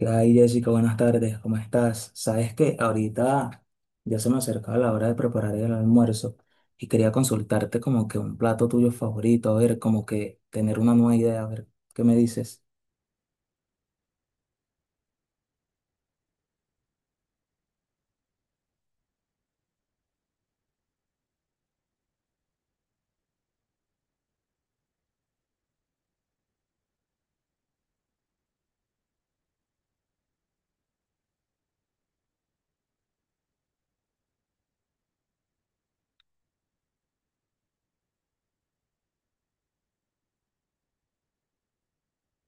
Ay, Jessica, buenas tardes, ¿cómo estás? Sabes que ahorita ya se me acercaba la hora de preparar el almuerzo y quería consultarte como que un plato tuyo favorito, a ver, como que tener una nueva idea, a ver, ¿qué me dices?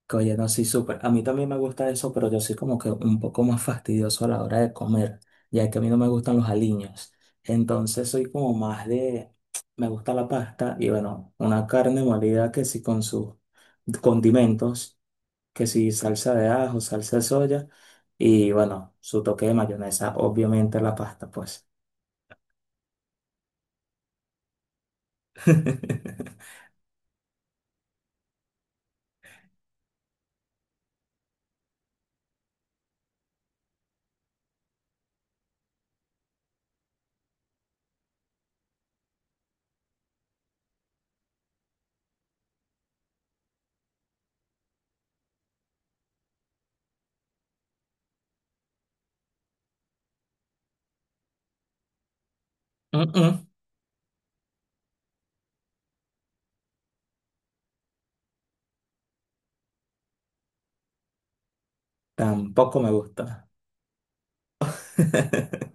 Que oye, no, sí, súper. A mí también me gusta eso, pero yo soy como que un poco más fastidioso a la hora de comer, ya que a mí no me gustan los aliños. Entonces soy como más de, me gusta la pasta y bueno, una carne molida que sí con sus condimentos. Que si salsa de ajo, salsa de soya y bueno, su toque de mayonesa, obviamente la pasta, pues. Mm, mm, tampoco me gusta.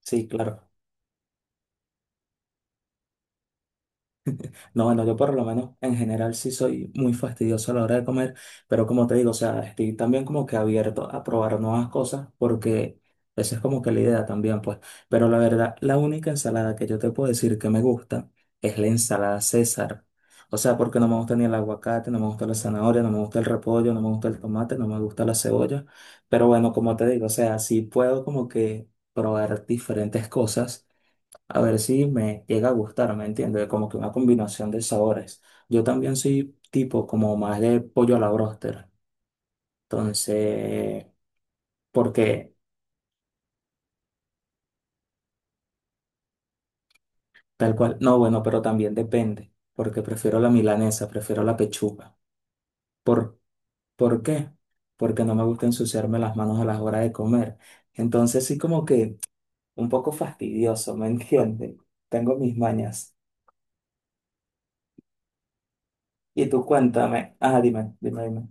Sí, claro. No, bueno, yo por lo menos en general sí soy muy fastidioso a la hora de comer, pero como te digo, o sea, estoy también como que abierto a probar nuevas cosas porque esa es como que la idea también, pues. Pero la verdad, la única ensalada que yo te puedo decir que me gusta es la ensalada César. O sea, porque no me gusta ni el aguacate, no me gusta la zanahoria, no me gusta el repollo, no me gusta el tomate, no me gusta la cebolla. Pero bueno, como te digo, o sea, sí puedo como que probar diferentes cosas a ver si me llega a gustar, ¿me entiendes? Como que una combinación de sabores. Yo también soy tipo como más de pollo a la bróster. Entonces, porque tal cual, no, bueno, pero también depende, porque prefiero la milanesa, prefiero la pechuga. ¿Por, por qué? Porque no me gusta ensuciarme las manos a las horas de comer. Entonces, sí como que un poco fastidioso, ¿me entiendes? Tengo mis mañas. Y tú cuéntame, ah, dime, dime, dime.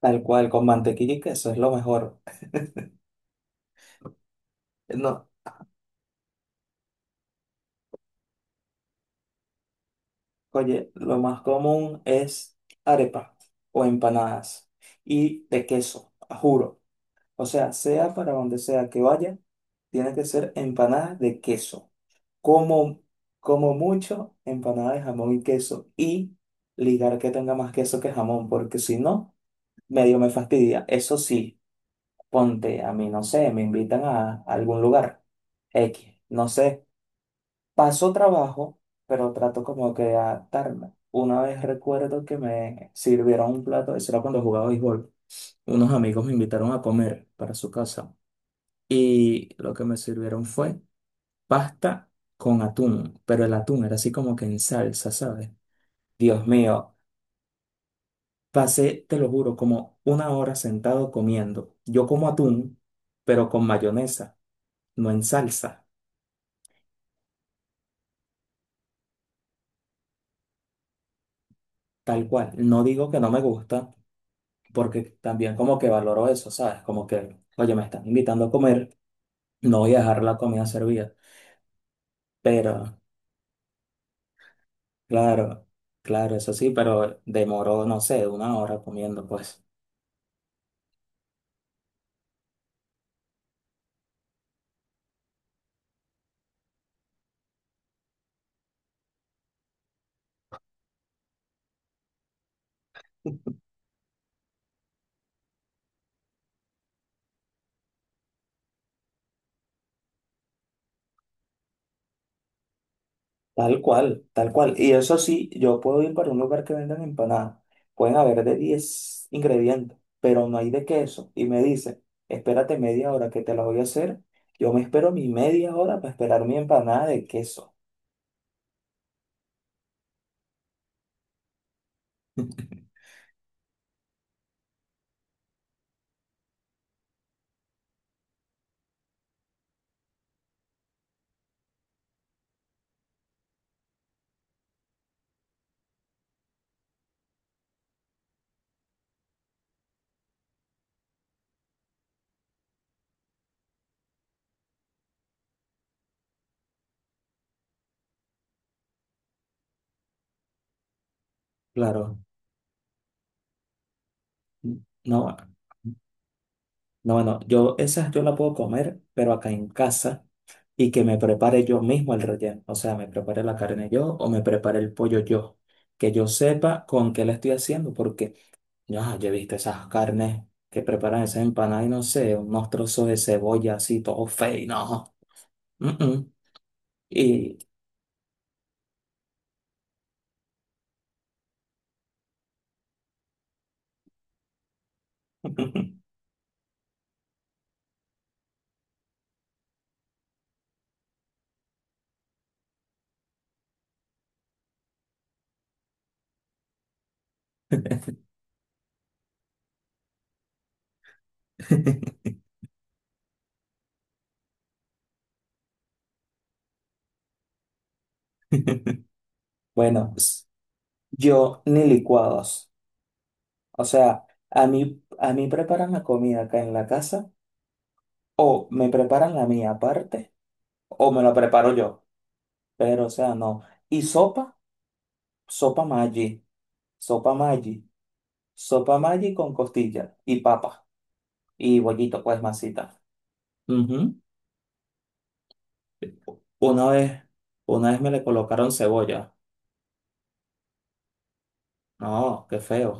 Tal cual, con mantequilla y queso es lo mejor. No, oye, lo más común es arepa o empanadas y de queso, juro. O sea, sea para donde sea que vaya, tiene que ser empanadas de queso. Como, como mucho, empanadas de jamón y queso y ligar que tenga más queso que jamón, porque si no, medio me fastidia. Eso sí, ponte, a mí no sé, me invitan a algún lugar X, no sé, pasó trabajo, pero trato como que de adaptarme. Una vez recuerdo que me sirvieron un plato, eso era cuando jugaba béisbol. Unos amigos me invitaron a comer para su casa y lo que me sirvieron fue pasta con atún, pero el atún era así como que en salsa, ¿sabes? Dios mío, pasé, te lo juro, como una hora sentado comiendo. Yo como atún, pero con mayonesa, no en salsa, tal cual. No digo que no me gusta, porque también como que valoro eso, ¿sabes? Como que, oye, me están invitando a comer, no voy a dejar la comida servida, pero claro, claro, eso sí, pero demoró, no sé, una hora comiendo, pues. Tal cual, tal cual. Y eso sí, yo puedo ir para un lugar que vendan empanadas. Pueden haber de 10 ingredientes, pero no hay de queso. Y me dice, espérate media hora que te la voy a hacer. Yo me espero mi media hora para esperar mi empanada de queso. Claro, no. No, bueno, yo esas yo la puedo comer, pero acá en casa y que me prepare yo mismo el relleno. O sea, me prepare la carne yo o me prepare el pollo yo. Que yo sepa con qué la estoy haciendo, porque ya, yo he visto esas carnes que preparan esas empanadas y no sé, unos trozos de cebolla así, todo feo, y no. Mm, mm. Y bueno, s- yo ni licuados. O sea, a mí preparan la comida acá en la casa o me preparan la mía aparte, o me lo preparo yo, pero o sea, no. Y sopa, sopa Maggi, sopa Maggi, sopa Maggi con costilla y papa y bollito, pues masita. Ujú. Una vez, una vez me le colocaron cebolla. No, qué feo.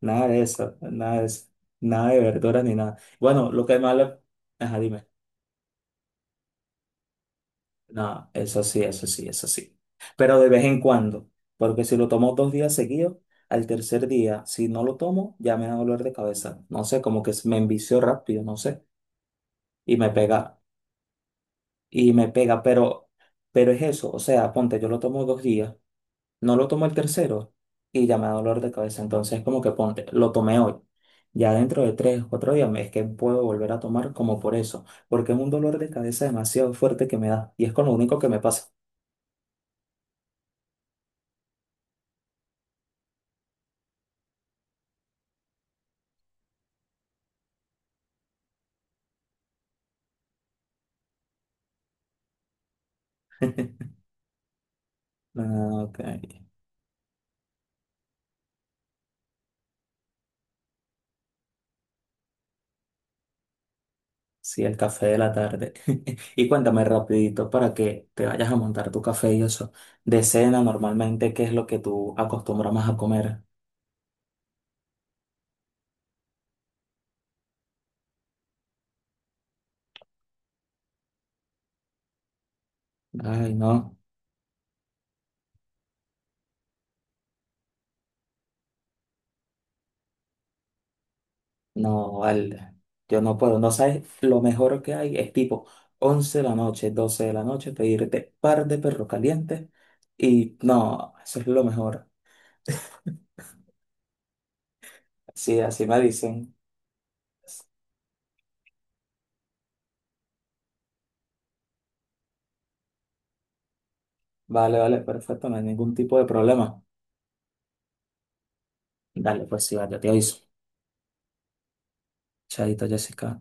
Nada de eso, nada de eso, nada de verduras ni nada. Bueno, lo que más le... Ajá, dime. No, eso sí, eso sí, eso sí. Pero de vez en cuando, porque si lo tomo 2 días seguidos, al tercer día, si no lo tomo, ya me da dolor de cabeza. No sé, como que me envicio rápido, no sé, y me pega, y me pega, pero es eso, o sea, ponte, yo lo tomo 2 días, no lo tomo el tercero y ya me da dolor de cabeza. Entonces, como que ponte, lo tomé hoy. Ya dentro de 3 o 4 días me- es que puedo volver a tomar como por eso, porque es un dolor de cabeza demasiado fuerte que me da y es con lo único que me pasa. Ah, ok. Sí, el café de la tarde. Y cuéntame rapidito para que te vayas a montar tu café y eso. De cena, normalmente, ¿qué es lo que tú acostumbras más a comer? Ay, no, no, vale. Yo no puedo. No sabes, lo mejor que hay es tipo 11 de la noche, 12 de la noche, pedirte par de perros calientes y no, eso es lo mejor. Sí, así me dicen. Vale, vale, perfecto, no hay ningún tipo de problema. Dale, pues sí, vale, te aviso. Chaito, Jessica.